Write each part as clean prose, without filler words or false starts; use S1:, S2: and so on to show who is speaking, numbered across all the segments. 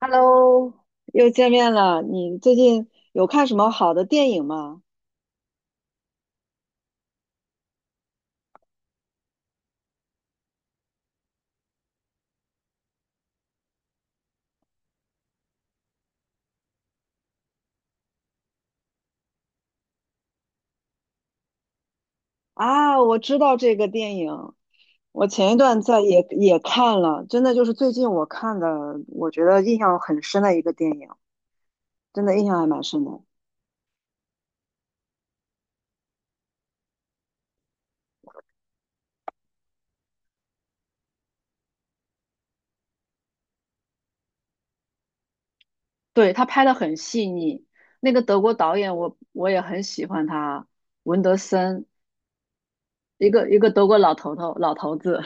S1: Hello，又见面了。你最近有看什么好的电影吗？啊，我知道这个电影，我前一段也看了，真的就是最近我看的，我觉得印象很深的一个电影，真的印象还蛮深的。对，他拍的很细腻，那个德国导演我也很喜欢他，文德森，一个德国老头老头子。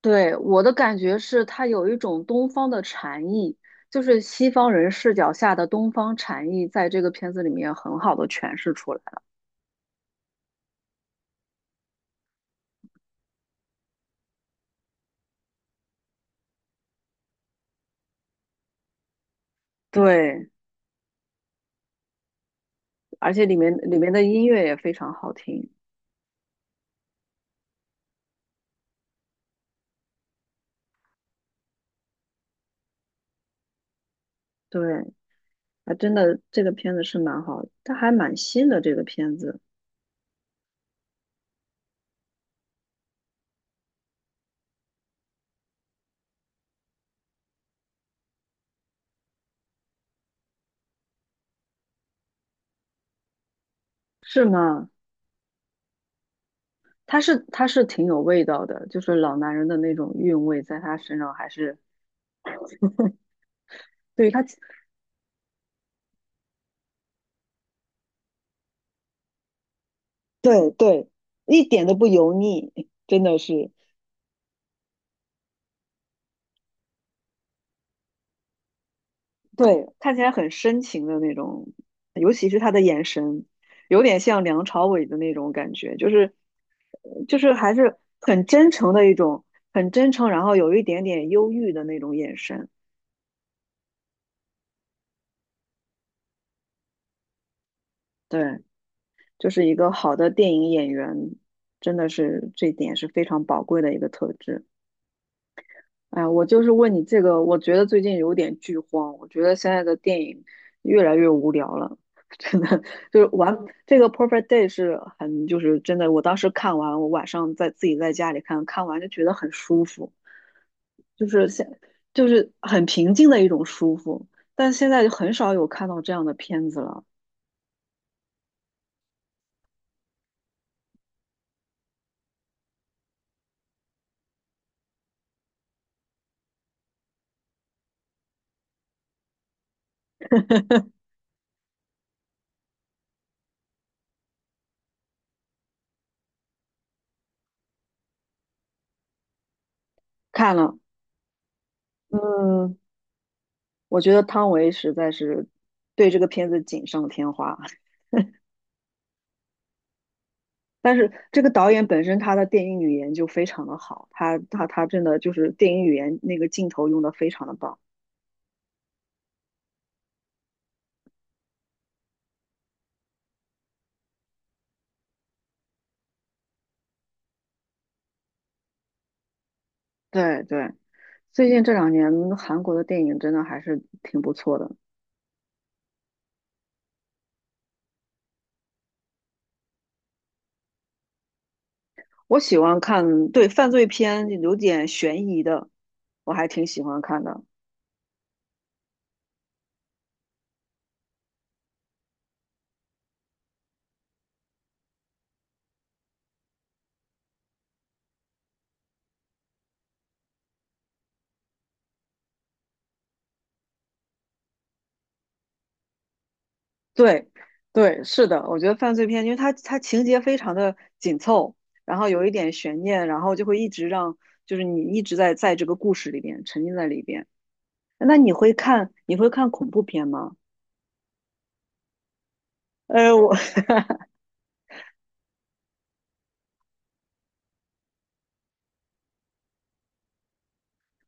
S1: 对，我的感觉是，它有一种东方的禅意，就是西方人视角下的东方禅意，在这个片子里面很好的诠释出来了。对，而且里面的音乐也非常好听。对，啊，真的，这个片子是蛮好，它还蛮新的。这个片子是吗？它是挺有味道的，就是老男人的那种韵味，在他身上还是对他，对对，一点都不油腻，真的是。对，看起来很深情的那种，尤其是他的眼神，有点像梁朝伟的那种感觉，就是还是很真诚的一种，很真诚，然后有一点点忧郁的那种眼神。对，就是一个好的电影演员，真的是这一点是非常宝贵的一个特质。哎，我就是问你这个，我觉得最近有点剧荒，我觉得现在的电影越来越无聊了，真的就是完这个《Perfect Day》是很就是真的，我当时看完，我晚上在自己在家里看，看完就觉得很舒服，就是现就是很平静的一种舒服，但现在就很少有看到这样的片子了。看了，嗯，我觉得汤唯实在是对这个片子锦上添花。但是这个导演本身他的电影语言就非常的好，他真的就是电影语言那个镜头用的非常的棒。对对，最近这两年韩国的电影真的还是挺不错的，我喜欢看，对，犯罪片有点悬疑的，我还挺喜欢看的。对对，是的，我觉得犯罪片，因为它情节非常的紧凑，然后有一点悬念，然后就会一直让就是你一直在这个故事里边沉浸在里边。那你会看恐怖片吗？呃，我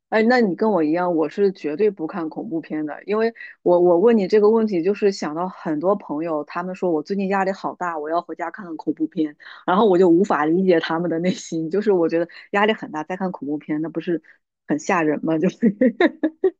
S1: 哎，那你跟我一样，我是绝对不看恐怖片的，因为我问你这个问题，就是想到很多朋友，他们说我最近压力好大，我要回家看看恐怖片，然后我就无法理解他们的内心，就是我觉得压力很大，再看恐怖片，那不是很吓人吗？就是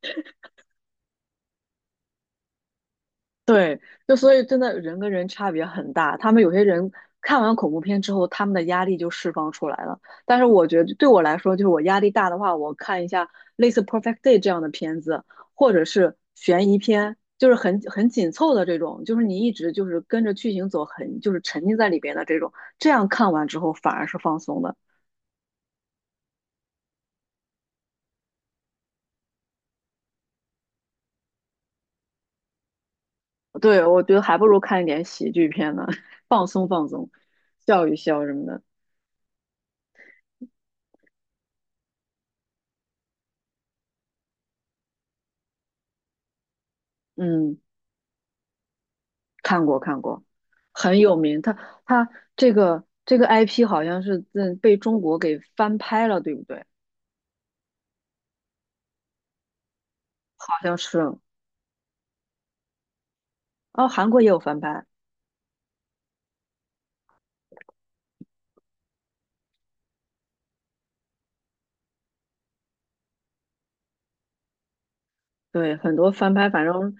S1: 对，就所以真的人跟人差别很大。他们有些人看完恐怖片之后，他们的压力就释放出来了。但是我觉得对我来说，就是我压力大的话，我看一下类似《Perfect Day》这样的片子，或者是悬疑片，就是很紧凑的这种，就是你一直就是跟着剧情走很，就是沉浸在里边的这种，这样看完之后反而是放松的。对，我觉得还不如看一点喜剧片呢，放松放松，笑一笑什么的。嗯。看过，很有名。它这个 IP 好像是嗯被中国给翻拍了，对不对？好像是。哦，韩国也有翻拍，对，很多翻拍，反正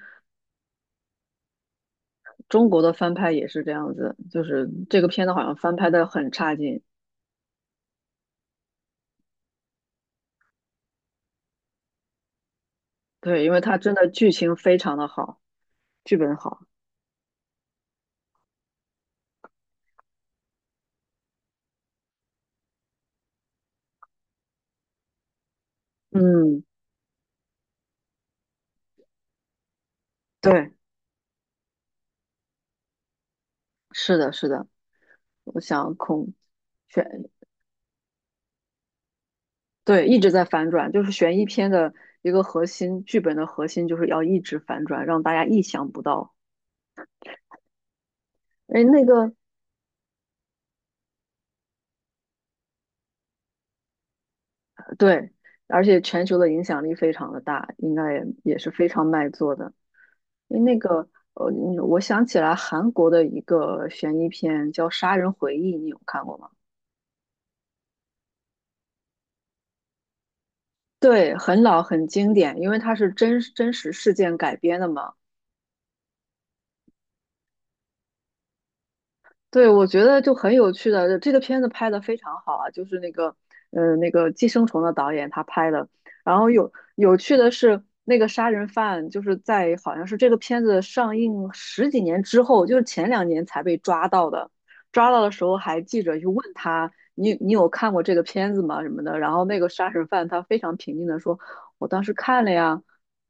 S1: 中国的翻拍也是这样子，就是这个片子好像翻拍的很差劲。对，因为它真的剧情非常的好，剧本好。嗯，对，是的，是的。我想空选对，一直在反转，就是悬疑片的一个核心，剧本的核心就是要一直反转，让大家意想不到。哎，那个对，而且全球的影响力非常的大，应该也是非常卖座的。哎，那个呃，你我想起来韩国的一个悬疑片叫《杀人回忆》，你有看过吗？对，很老很经典，因为它是真真实事件改编的嘛。对，我觉得就很有趣的，这个片子拍的非常好啊，就是那个，呃，那个《寄生虫》的导演他拍的。然后有有趣的是，那个杀人犯就是在好像是这个片子上映十几年之后，就是前两年才被抓到的。抓到的时候还记者就问他，你有看过这个片子吗？什么的。然后那个杀人犯他非常平静的说，我当时看了呀。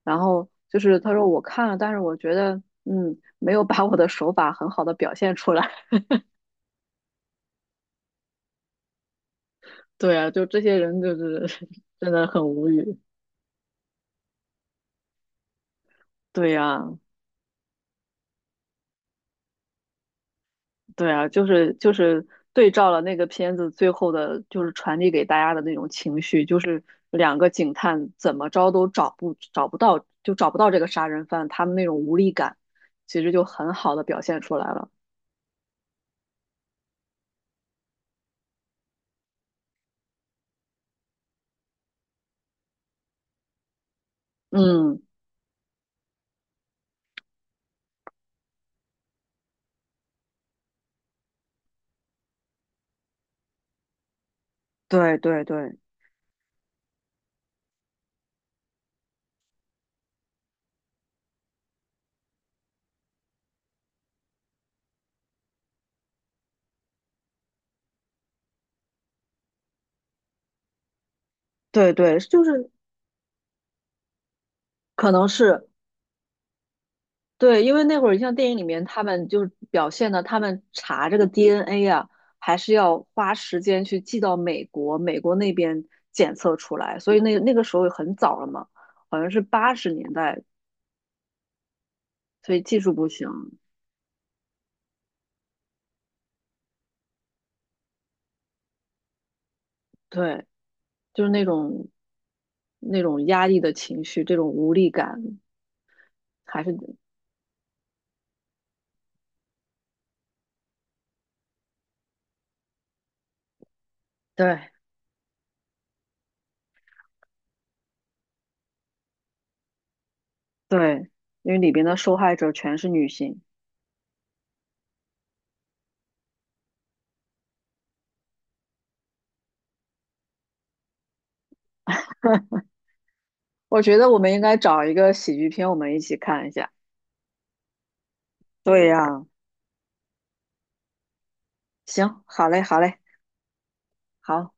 S1: 然后就是他说我看了，但是我觉得嗯没有把我的手法很好的表现出来。对啊，就这些人就是 真的很无语。对呀，对呀，就是就是对照了那个片子最后的，就是传递给大家的那种情绪，就是两个警探怎么着都找不到，就找不到这个杀人犯，他们那种无力感，其实就很好的表现出来了。嗯，对对对对对，就是可能是。对，因为那会儿你像电影里面，他们就是表现的，他们查这个 DNA 啊，还是要花时间去寄到美国，美国那边检测出来，所以那个时候很早了嘛，好像是80年代，所以技术不行，对，就是那种压抑的情绪，这种无力感，还是对对，因为里边的受害者全是女性，我觉得我们应该找一个喜剧片，我们一起看一下。对呀，行，好嘞，好嘞。好，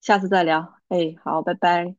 S1: 下次再聊。哎，好，拜拜。